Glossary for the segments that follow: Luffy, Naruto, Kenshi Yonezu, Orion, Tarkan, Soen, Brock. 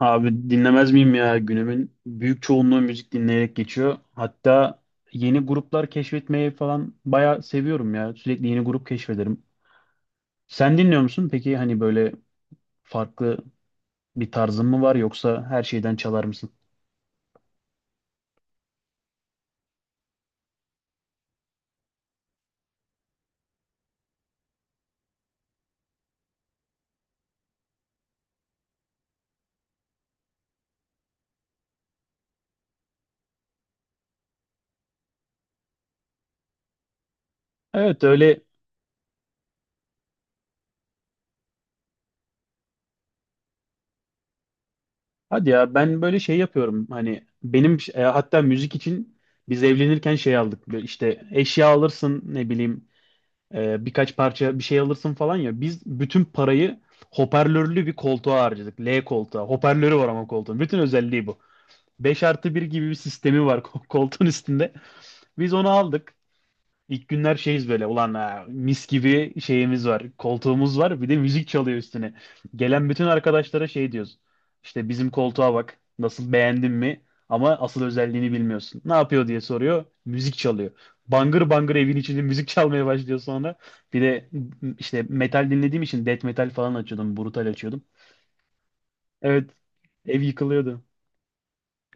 Abi dinlemez miyim ya? Günümün büyük çoğunluğu müzik dinleyerek geçiyor. Hatta yeni gruplar keşfetmeyi falan bayağı seviyorum ya. Sürekli yeni grup keşfederim. Sen dinliyor musun? Peki hani böyle farklı bir tarzın mı var yoksa her şeyden çalar mısın? Evet öyle. Hadi ya ben böyle şey yapıyorum. Hani benim hatta müzik için biz evlenirken şey aldık. Böyle işte eşya alırsın ne bileyim birkaç parça bir şey alırsın falan ya. Biz bütün parayı hoparlörlü bir koltuğa harcadık. L koltuğa. Hoparlörü var ama koltuğun. Bütün özelliği bu. 5+1 gibi bir sistemi var koltuğun üstünde. Biz onu aldık. İlk günler şeyiz böyle ulan ha, mis gibi şeyimiz var koltuğumuz var bir de müzik çalıyor üstüne. Gelen bütün arkadaşlara şey diyoruz işte bizim koltuğa bak nasıl beğendin mi ama asıl özelliğini bilmiyorsun. Ne yapıyor diye soruyor müzik çalıyor. Bangır bangır evin içinde müzik çalmaya başlıyor sonra. Bir de işte metal dinlediğim için death metal falan açıyordum brutal açıyordum. Evet, ev yıkılıyordu.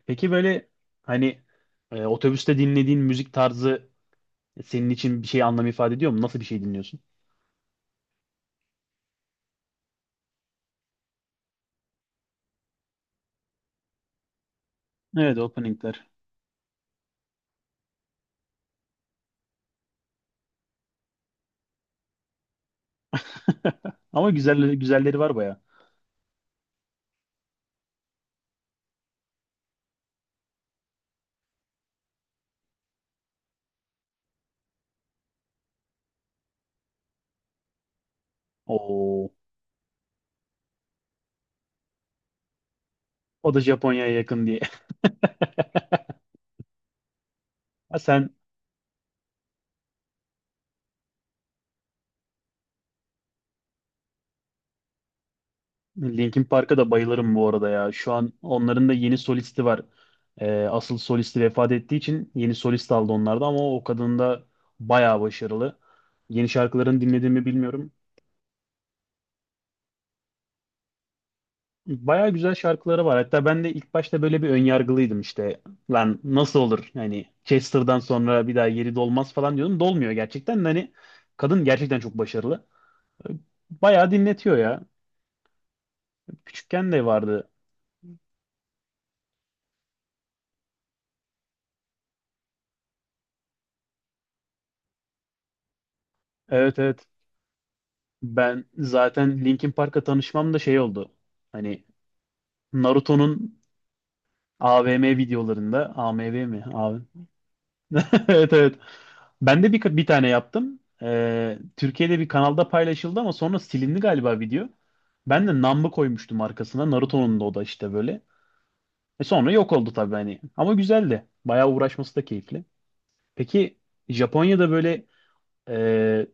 Peki böyle hani otobüste dinlediğin müzik tarzı senin için bir şey anlam ifade ediyor mu? Nasıl bir şey dinliyorsun? Evet, openingler. Ama güzelleri, güzelleri var baya. Oo, o da Japonya'ya yakın diye. Ha sen. Linkin Park'a da bayılırım bu arada ya. Şu an onların da yeni solisti var. Asıl solisti vefat ettiği için yeni solist aldı onlarda ama o kadın da bayağı başarılı. Yeni şarkılarını dinlediğimi bilmiyorum. Baya güzel şarkıları var. Hatta ben de ilk başta böyle bir önyargılıydım işte. Lan nasıl olur? Hani Chester'dan sonra bir daha yeri dolmaz falan diyordum. Dolmuyor gerçekten. De Hani kadın gerçekten çok başarılı. Baya dinletiyor ya. Küçükken de vardı. Evet, evet. Ben zaten Linkin Park'la tanışmam da şey oldu. Hani Naruto'nun AVM videolarında. AMV mi? AV- Evet, evet. Ben de bir tane yaptım. Türkiye'de bir kanalda paylaşıldı ama sonra silindi galiba video. Ben de Namba koymuştum arkasına. Naruto'nun da o da işte böyle. E sonra yok oldu tabii hani. Ama güzeldi. Bayağı uğraşması da keyifli. Peki Japonya'da böyle e,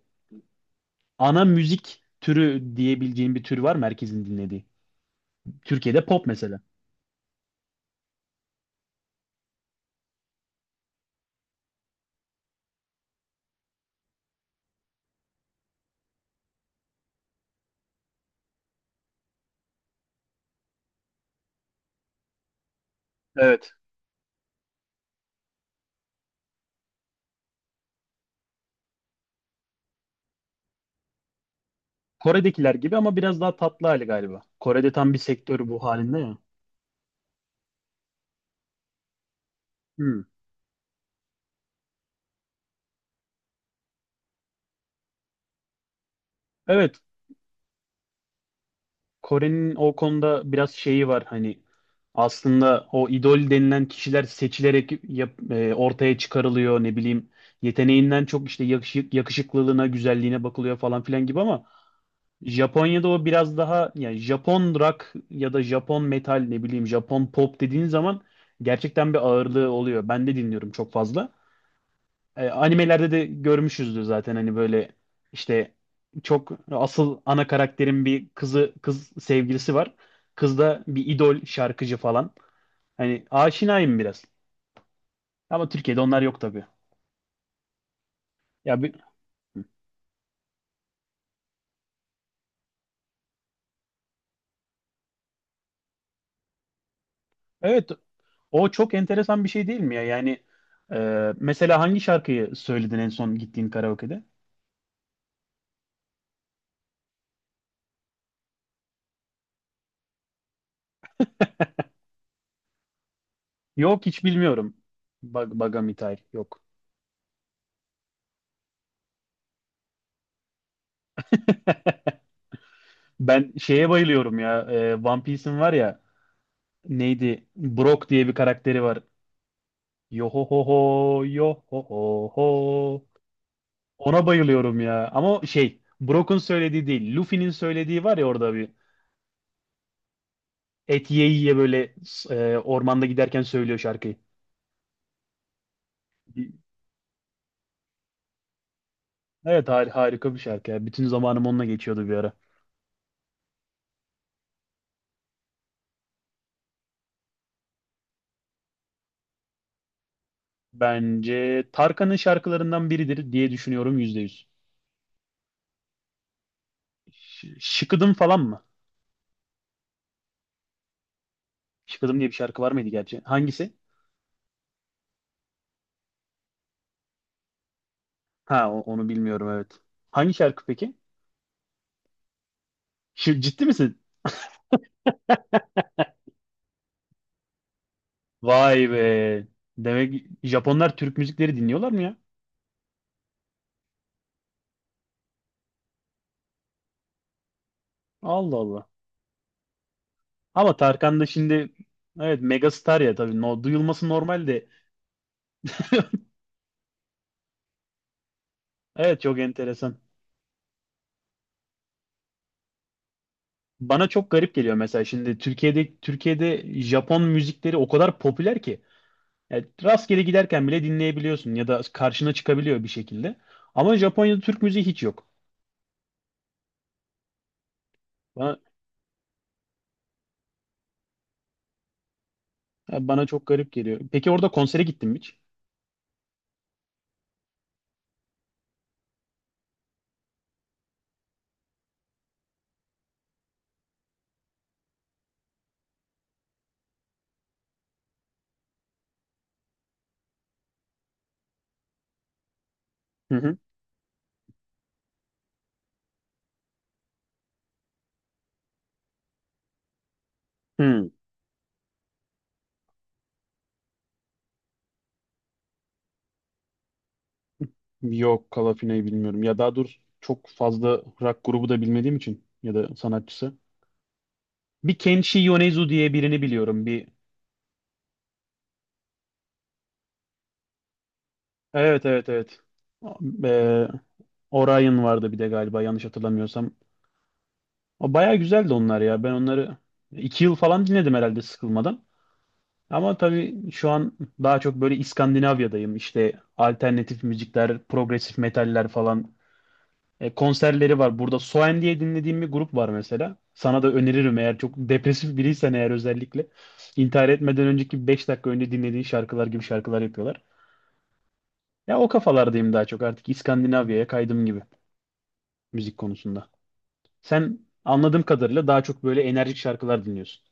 ana müzik türü diyebileceğin bir tür var mı herkesin dinlediği? Türkiye'de pop mesela. Evet. Kore'dekiler gibi ama biraz daha tatlı hali galiba. Kore'de tam bir sektörü bu halinde ya. Hmm. Evet, Kore'nin o konuda biraz şeyi var hani aslında o idol denilen kişiler seçilerek ortaya çıkarılıyor ne bileyim yeteneğinden çok işte yakışık, yakışıklılığına, güzelliğine bakılıyor falan filan gibi ama Japonya'da o biraz daha yani Japon rock ya da Japon metal ne bileyim Japon pop dediğin zaman gerçekten bir ağırlığı oluyor. Ben de dinliyorum çok fazla. Animelerde de görmüşüzdür zaten hani böyle işte çok asıl ana karakterin bir kızı kız sevgilisi var. Kız da bir idol şarkıcı falan. Hani aşinayım biraz. Ama Türkiye'de onlar yok tabii. Ya bir, evet, o çok enteresan bir şey değil mi ya? Yani mesela hangi şarkıyı söyledin en son gittiğin karaoke'de? Yok, hiç bilmiyorum. Bag Bagamitay yok. Ben şeye bayılıyorum ya. One Piece'in var ya, neydi? Brock diye bir karakteri var. Yo ho ho ho, yo ho ho ho. Ona bayılıyorum ya. Ama şey, Brock'un söylediği değil. Luffy'nin söylediği var ya orada bir. Et ye ye böyle ormanda giderken söylüyor şarkıyı. Evet, harika bir şarkı ya. Bütün zamanım onunla geçiyordu bir ara. Bence Tarkan'ın şarkılarından biridir diye düşünüyorum %100. Şıkıdım falan mı? Şıkıdım diye bir şarkı var mıydı gerçi? Hangisi? Ha onu bilmiyorum evet. Hangi şarkı peki? Şu, ciddi misin? Vay be. Demek Japonlar Türk müzikleri dinliyorlar mı ya? Allah Allah. Ama Tarkan da şimdi evet megastar ya tabii. No, duyulması normal de. Evet, çok enteresan. Bana çok garip geliyor, mesela şimdi Türkiye'de Japon müzikleri o kadar popüler ki yani rastgele giderken bile dinleyebiliyorsun ya da karşına çıkabiliyor bir şekilde. Ama Japonya'da Türk müziği hiç yok. Bana, bana çok garip geliyor. Peki orada konsere gittin mi hiç? Hı hı. Hı. Yok, Kalafina'yı bilmiyorum. Ya daha doğrusu çok fazla rock grubu da bilmediğim için ya da sanatçısı. Bir Kenshi Yonezu diye birini biliyorum. Bir. Evet, evet, evet. Ee, Orion vardı bir de galiba yanlış hatırlamıyorsam. O bayağı güzeldi onlar ya. Ben onları 2 yıl falan dinledim herhalde sıkılmadan. Ama tabii şu an daha çok böyle İskandinavya'dayım. İşte alternatif müzikler, progresif metaller falan. Konserleri var. Burada Soen diye dinlediğim bir grup var mesela. Sana da öneririm, eğer çok depresif biriysen eğer özellikle. İntihar etmeden önceki 5 dakika önce dinlediğin şarkılar gibi şarkılar yapıyorlar. Ya o kafalardayım daha çok artık, İskandinavya'ya kaydım gibi müzik konusunda. Sen anladığım kadarıyla daha çok böyle enerjik şarkılar dinliyorsun.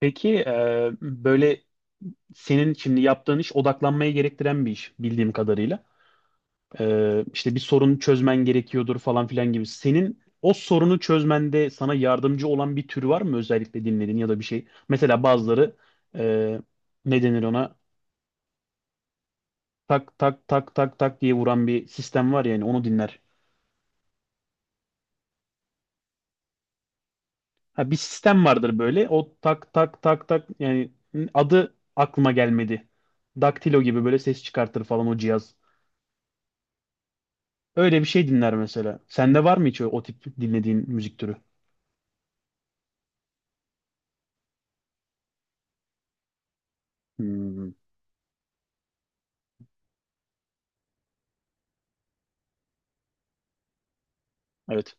Peki böyle senin şimdi yaptığın iş odaklanmaya gerektiren bir iş bildiğim kadarıyla. İşte bir sorun çözmen gerekiyordur falan filan gibi. Senin o sorunu çözmende sana yardımcı olan bir tür var mı özellikle dinlediğin ya da bir şey? Mesela bazıları e, ne denir ona? Tak tak tak tak tak diye vuran bir sistem var, yani onu dinler. Ha, bir sistem vardır böyle. O tak tak tak tak, yani adı aklıma gelmedi. Daktilo gibi böyle ses çıkartır falan o cihaz. Öyle bir şey dinler mesela. Sende var mı hiç o, o tip dinlediğin müzik türü? Hmm, evet.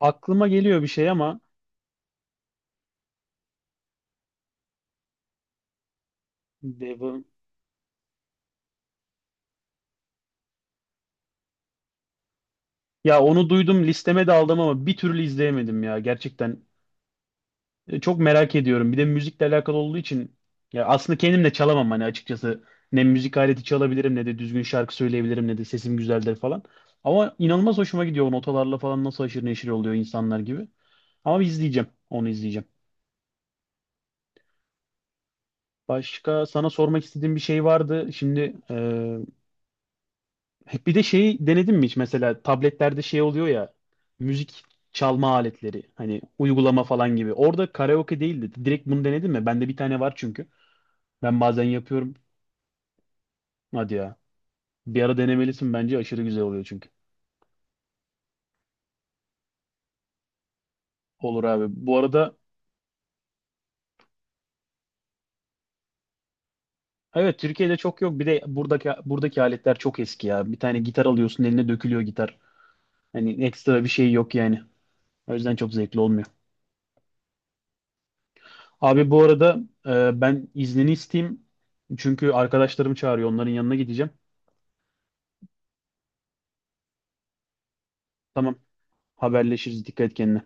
Aklıma geliyor bir şey ama. Devil- ya onu duydum, listeme de aldım ama bir türlü izleyemedim ya gerçekten. Çok merak ediyorum. Bir de müzikle alakalı olduğu için, ya aslında kendim de çalamam hani açıkçası. Ne müzik aleti çalabilirim ne de düzgün şarkı söyleyebilirim ne de sesim güzeldir falan. Ama inanılmaz hoşuma gidiyor o notalarla falan nasıl haşır neşir oluyor insanlar gibi. Ama bir izleyeceğim. Onu izleyeceğim. Başka sana sormak istediğim bir şey vardı. Şimdi bir de şeyi denedin mi hiç mesela, tabletlerde şey oluyor ya, müzik çalma aletleri hani uygulama falan gibi. Orada karaoke değildi. Direkt bunu denedin mi? Bende bir tane var çünkü. Ben bazen yapıyorum. Hadi ya. Bir ara denemelisin bence, aşırı güzel oluyor çünkü. Olur abi. Bu arada, evet Türkiye'de çok yok. Bir de buradaki aletler çok eski ya. Bir tane gitar alıyorsun eline dökülüyor gitar. Hani ekstra bir şey yok yani. O yüzden çok zevkli olmuyor. Abi bu arada ben iznini isteyeyim. Çünkü arkadaşlarım çağırıyor. Onların yanına gideceğim. Tamam. Haberleşiriz. Dikkat et kendine.